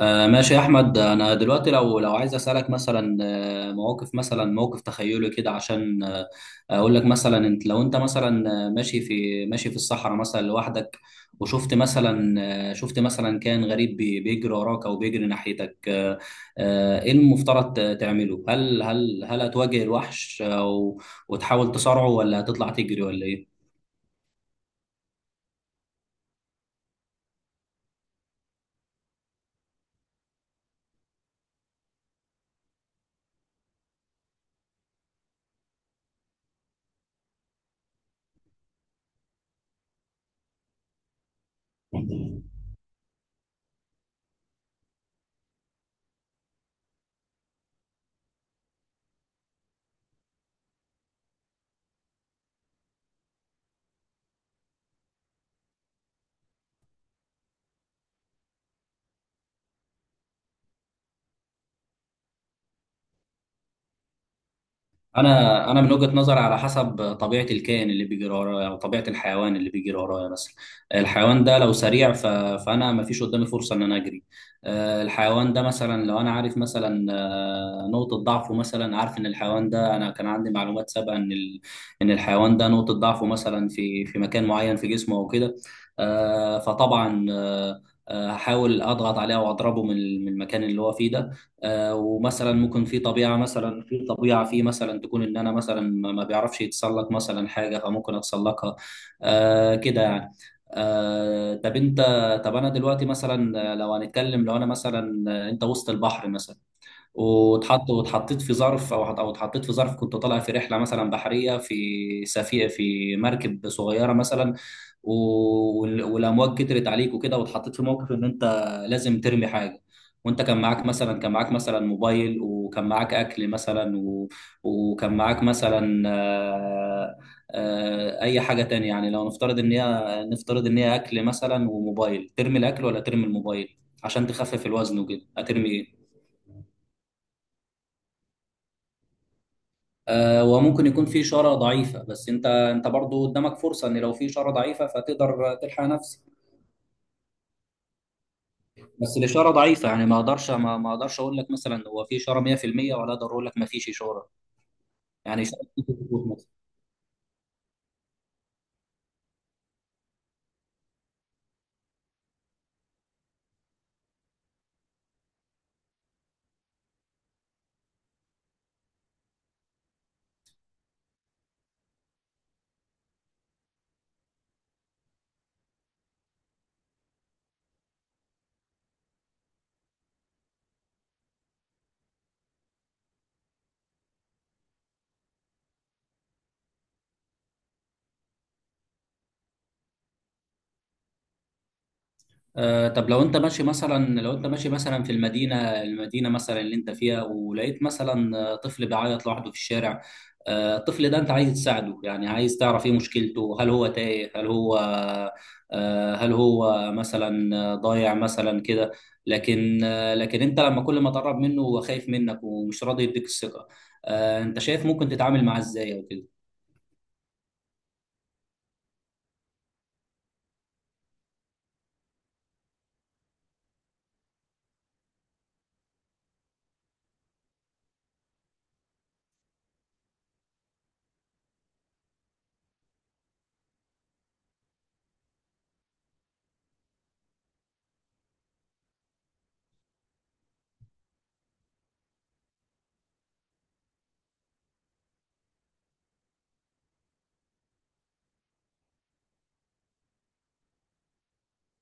آه، ماشي يا احمد. انا دلوقتي لو عايز اسالك مثلا، مواقف، مثلا موقف تخيلي كده عشان اقول لك. مثلا انت، لو انت مثلا ماشي في الصحراء مثلا لوحدك، وشفت مثلا، شفت مثلا كائن غريب بيجري وراك او بيجري ناحيتك. ايه المفترض تعمله؟ هل هتواجه الوحش او وتحاول تصارعه، ولا هتطلع تجري، ولا ايه؟ انا من وجهة نظري، على حسب طبيعة الكائن اللي بيجري ورايا، او طبيعة الحيوان اللي بيجري ورايا مثلا. الحيوان ده لو سريع فانا ما فيش قدامي فرصة ان انا اجري. الحيوان ده مثلا، لو انا عارف مثلا نقطة ضعفه، مثلا عارف ان الحيوان ده، انا كان عندي معلومات سابقة ان الحيوان ده نقطة ضعفه مثلا في مكان معين في جسمه او كده. فطبعا آه، آه، هحاول اضغط عليه واضربه من المكان اللي هو فيه ده. ومثلا ممكن في طبيعه مثلا، في طبيعه في مثلا تكون ان انا مثلا ما بيعرفش يتسلق مثلا حاجه فممكن اتسلقها. كده يعني. آه، طب انت طب انا دلوقتي مثلا، لو هنتكلم، لو انا مثلا انت وسط البحر مثلا، واتحطيت في ظرف، كنت طالع في رحله مثلا بحريه، في سفينه، في مركب صغيره مثلا، والامواج كترت عليك وكده، واتحطيت في موقف ان انت لازم ترمي حاجه. وانت كان معاك مثلا موبايل، وكان معاك اكل مثلا وكان معاك مثلا اي حاجه تانية. يعني لو نفترض ان هي اكل مثلا وموبايل، ترمي الاكل ولا ترمي الموبايل عشان تخفف الوزن وكده؟ هترمي ايه؟ وممكن يكون في اشاره ضعيفه، بس انت برضو قدامك فرصه ان لو في اشاره ضعيفه فتقدر تلحق نفسك. بس الاشاره ضعيفه، يعني ما اقدرش اقول لك مثلا هو في اشاره 100%، ولا اقدر اقول لك ما فيش اشاره، يعني اشاره. طب لو انت ماشي مثلا، في المدينه، مثلا اللي انت فيها، ولقيت مثلا طفل بيعيط لوحده في الشارع. الطفل ده انت عايز تساعده، يعني عايز تعرف ايه مشكلته. هل هو تايه، هل هو آه، هل هو مثلا آه، ضايع مثلا كده؟ لكن انت، لما كل ما تقرب منه هو خايف منك ومش راضي يديك الثقه، انت شايف ممكن تتعامل معاه ازاي او كده؟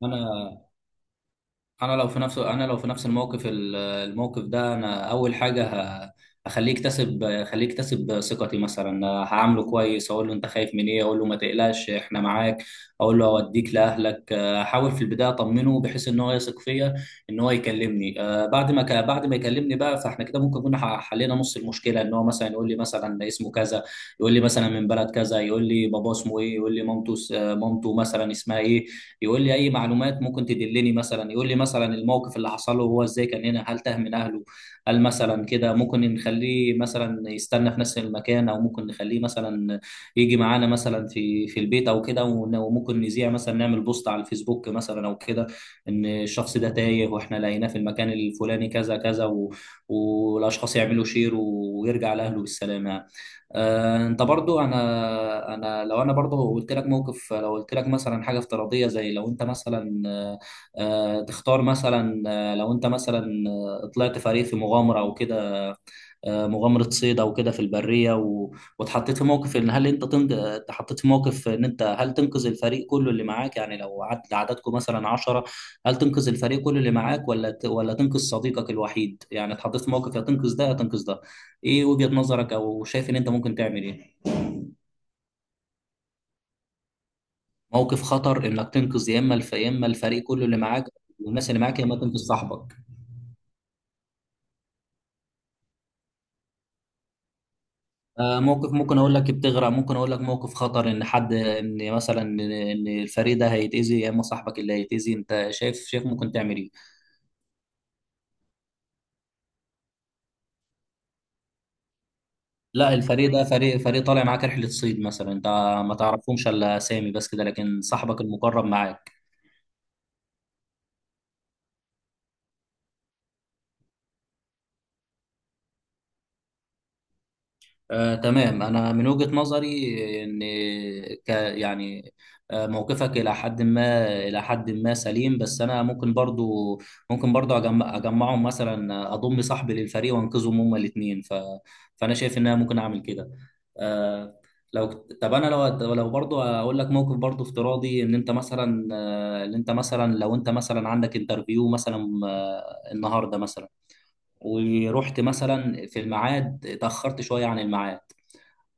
انا انا لو في نفس انا لو في نفس الموقف، الموقف ده، انا اول حاجه ه- هخليه يكتسب ثقتي. مثلا هعامله كويس، اقول له انت خايف من ايه، اقول له ما تقلقش، احنا معاك، اقول له اوديك لاهلك. احاول في البدايه اطمنه، بحيث ان هو يثق فيا، ان هو يكلمني. بعد ما يكلمني بقى، فاحنا كده ممكن كنا حلينا نص المشكله. ان هو مثلا يقول لي مثلا اسمه كذا، يقول لي مثلا من بلد كذا، يقول لي باباه اسمه ايه، يقول لي مامته س- آه، مامته مثلا اسمها ايه، يقول لي اي معلومات ممكن تدلني، مثلا يقول لي مثلا الموقف اللي حصل له هو ازاي، كان هنا، هل تاه من اهله، هل مثلا كده ممكن نخليه مثلا يستنى في نفس المكان، او ممكن نخليه مثلا يجي معانا مثلا في البيت او كده. وممكن نذيع مثلا، نعمل بوست على الفيسبوك مثلا او كده، ان الشخص ده تايه واحنا لقيناه في المكان الفلاني كذا كذا والاشخاص يعملوا شير، ويرجع لاهله بالسلامه. انت برضو، انا لو انا برضو قلت لك موقف لو قلت لك مثلا حاجه افتراضيه: زي لو انت مثلا تختار مثلا، لو انت مثلا طلعت فريق في مغامره او كده، مغامره صيد او كده في البريه، واتحطيت في موقف ان هل انت تنج... اتحطيت في موقف ان انت هل تنقذ الفريق كله اللي معاك، يعني لو عددكم مثلا 10، هل تنقذ الفريق كله اللي معاك، ولا تنقذ صديقك الوحيد؟ يعني اتحطيت في موقف يا تنقذ ده، يا تنقذ ده. ايه وجهه نظرك، او شايف ان انت ممكن تعمل ايه؟ موقف خطر، انك تنقذ يا اما يا اما الفريق كله اللي معاك والناس اللي معاك، يا اما تنقذ صاحبك. آه، موقف ممكن اقول لك بتغرق، ممكن اقول لك موقف خطر، ان حد، ان مثلا ان الفريق ده هيتاذي، يا اما صاحبك اللي هيتاذي. انت شايف ممكن تعمل ايه؟ لا، الفريق ده فريق طالع معاك رحله صيد مثلا، انت ما تعرفهمش الا اسامي بس كده، لكن صاحبك المقرب معاك. آه، تمام. أنا من وجهة نظري إن ك يعني، موقفك إلى حد ما إلى حد ما سليم، بس أنا ممكن برضو أجمعهم مثلا، أضم صاحبي للفريق وأنقذهم هما الاتنين. فأنا شايف إن أنا ممكن أعمل كده. آه، لو طب أنا لو برضو أقول لك موقف برضو افتراضي: إن أنت مثلا آه، إن أنت مثلا لو أنت مثلا عندك انترفيو مثلا النهاردة مثلا، ورحت مثلا في الميعاد، اتأخرت شوية عن الميعاد،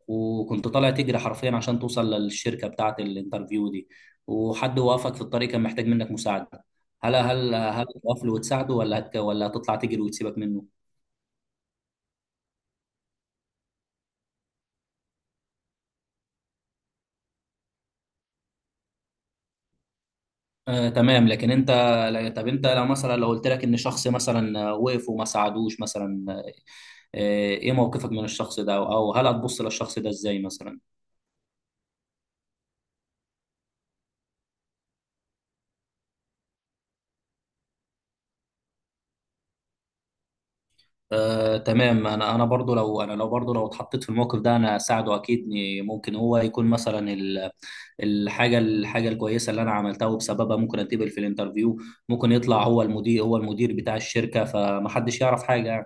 وكنت طالع تجري حرفيا عشان توصل للشركة بتاعة الانترفيو دي، وحد وقفك في الطريق كان محتاج منك مساعدة. هل هتقف له وتساعده، ولا هتطلع تجري وتسيبك منه؟ آه تمام، لكن انت طب انت، لو مثلا لو قلت لك ان شخص مثلا وقف وما ساعدوش مثلا، ايه موقفك من الشخص ده، او هل هتبص للشخص ده ازاي مثلا؟ تمام. انا لو اتحطيت في الموقف ده انا اساعده اكيد، إني ممكن هو يكون مثلا الحاجه الكويسه اللي انا عملتها، وبسببها ممكن اتقبل في الانترفيو. ممكن يطلع هو المدير، بتاع الشركه، فمحدش يعرف حاجه يعني.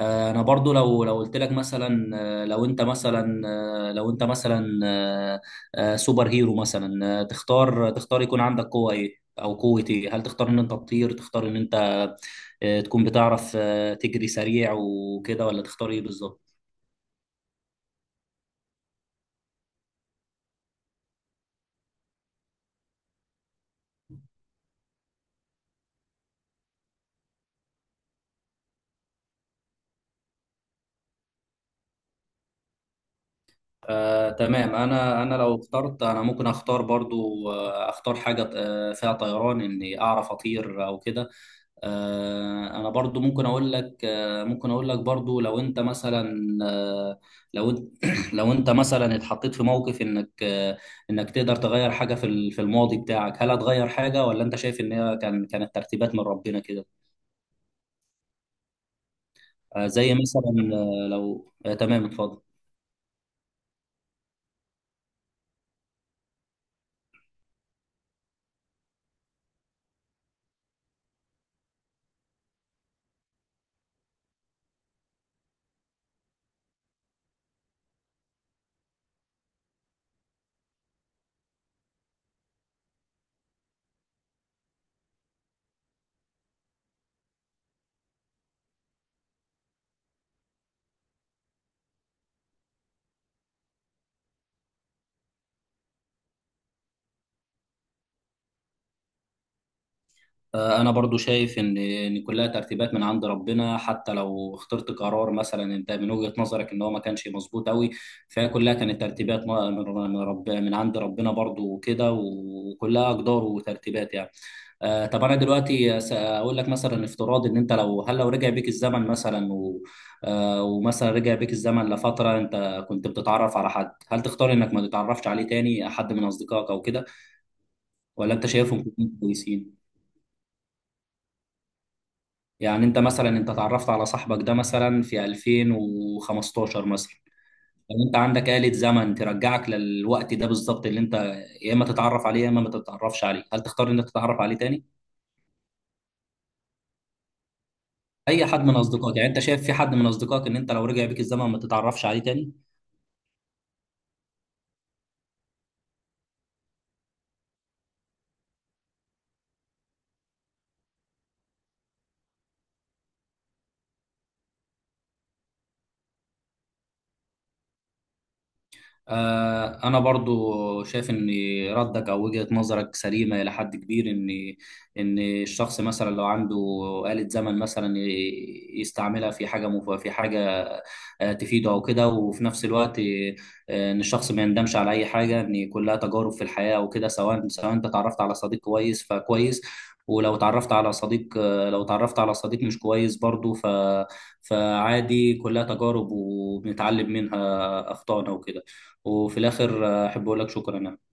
انا برضو لو قلت لك مثلا، لو انت مثلا آه، لو انت مثلا آه، سوبر هيرو مثلا، تختار يكون عندك قوة ايه، او قوة ايه؟ هل تختار ان انت تطير، تختار ان انت تكون بتعرف تجري سريع وكده، ولا تختار ايه بالظبط؟ تمام. انا لو اخترت، انا ممكن اختار برضو اختار حاجه فيها طيران، اني اعرف اطير او كده. انا برضو ممكن اقول لك، برضو لو انت مثلا، لو انت لو انت مثلا اتحطيت في موقف انك انك تقدر تغير حاجه في في الماضي بتاعك. هل هتغير حاجه، ولا انت شايف ان هي كانت ترتيبات من ربنا كده؟ آه، زي مثلا آه، لو آه، تمام، اتفضل. انا برضو شايف ان كلها ترتيبات من عند ربنا، حتى لو اخترت قرار مثلا انت من وجهة نظرك ان هو ما كانش مظبوط قوي، فهي كلها كانت ترتيبات من عند ربنا برضو وكده، وكلها اقدار وترتيبات يعني. طب انا دلوقتي اقول لك مثلا، افتراض ان انت، لو رجع بيك الزمن مثلا، ومثلا رجع بيك الزمن لفترة انت كنت بتتعرف على حد، هل تختار انك ما تتعرفش عليه تاني؟ حد من اصدقائك او كده، ولا انت شايفهم كلهم كويسين؟ يعني انت مثلا، انت اتعرفت على صاحبك ده مثلا في 2015 مثلا، يعني انت عندك آلة زمن ترجعك للوقت ده بالظبط، اللي انت يا اما تتعرف عليه يا اما ما تتعرفش عليه، هل تختار ان انت تتعرف عليه تاني؟ اي حد من اصدقائك. يعني انت شايف في حد من اصدقائك ان انت لو رجع بيك الزمن ما تتعرفش عليه تاني؟ أنا برضو شايف إن ردك أو وجهة نظرك سليمة إلى حد كبير. إن الشخص مثلا لو عنده آلة زمن مثلا يستعملها في حاجة تفيده أو كده. وفي نفس الوقت إن الشخص ما يندمش على أي حاجة، إن كلها تجارب في الحياة وكده. سواء أنت اتعرفت على صديق كويس فكويس، ولو اتعرفت على صديق، مش كويس برضو، فعادي، كلها تجارب، وبنتعلم منها أخطائنا وكده. وفي الاخر احب اقول لك شكرا يعني.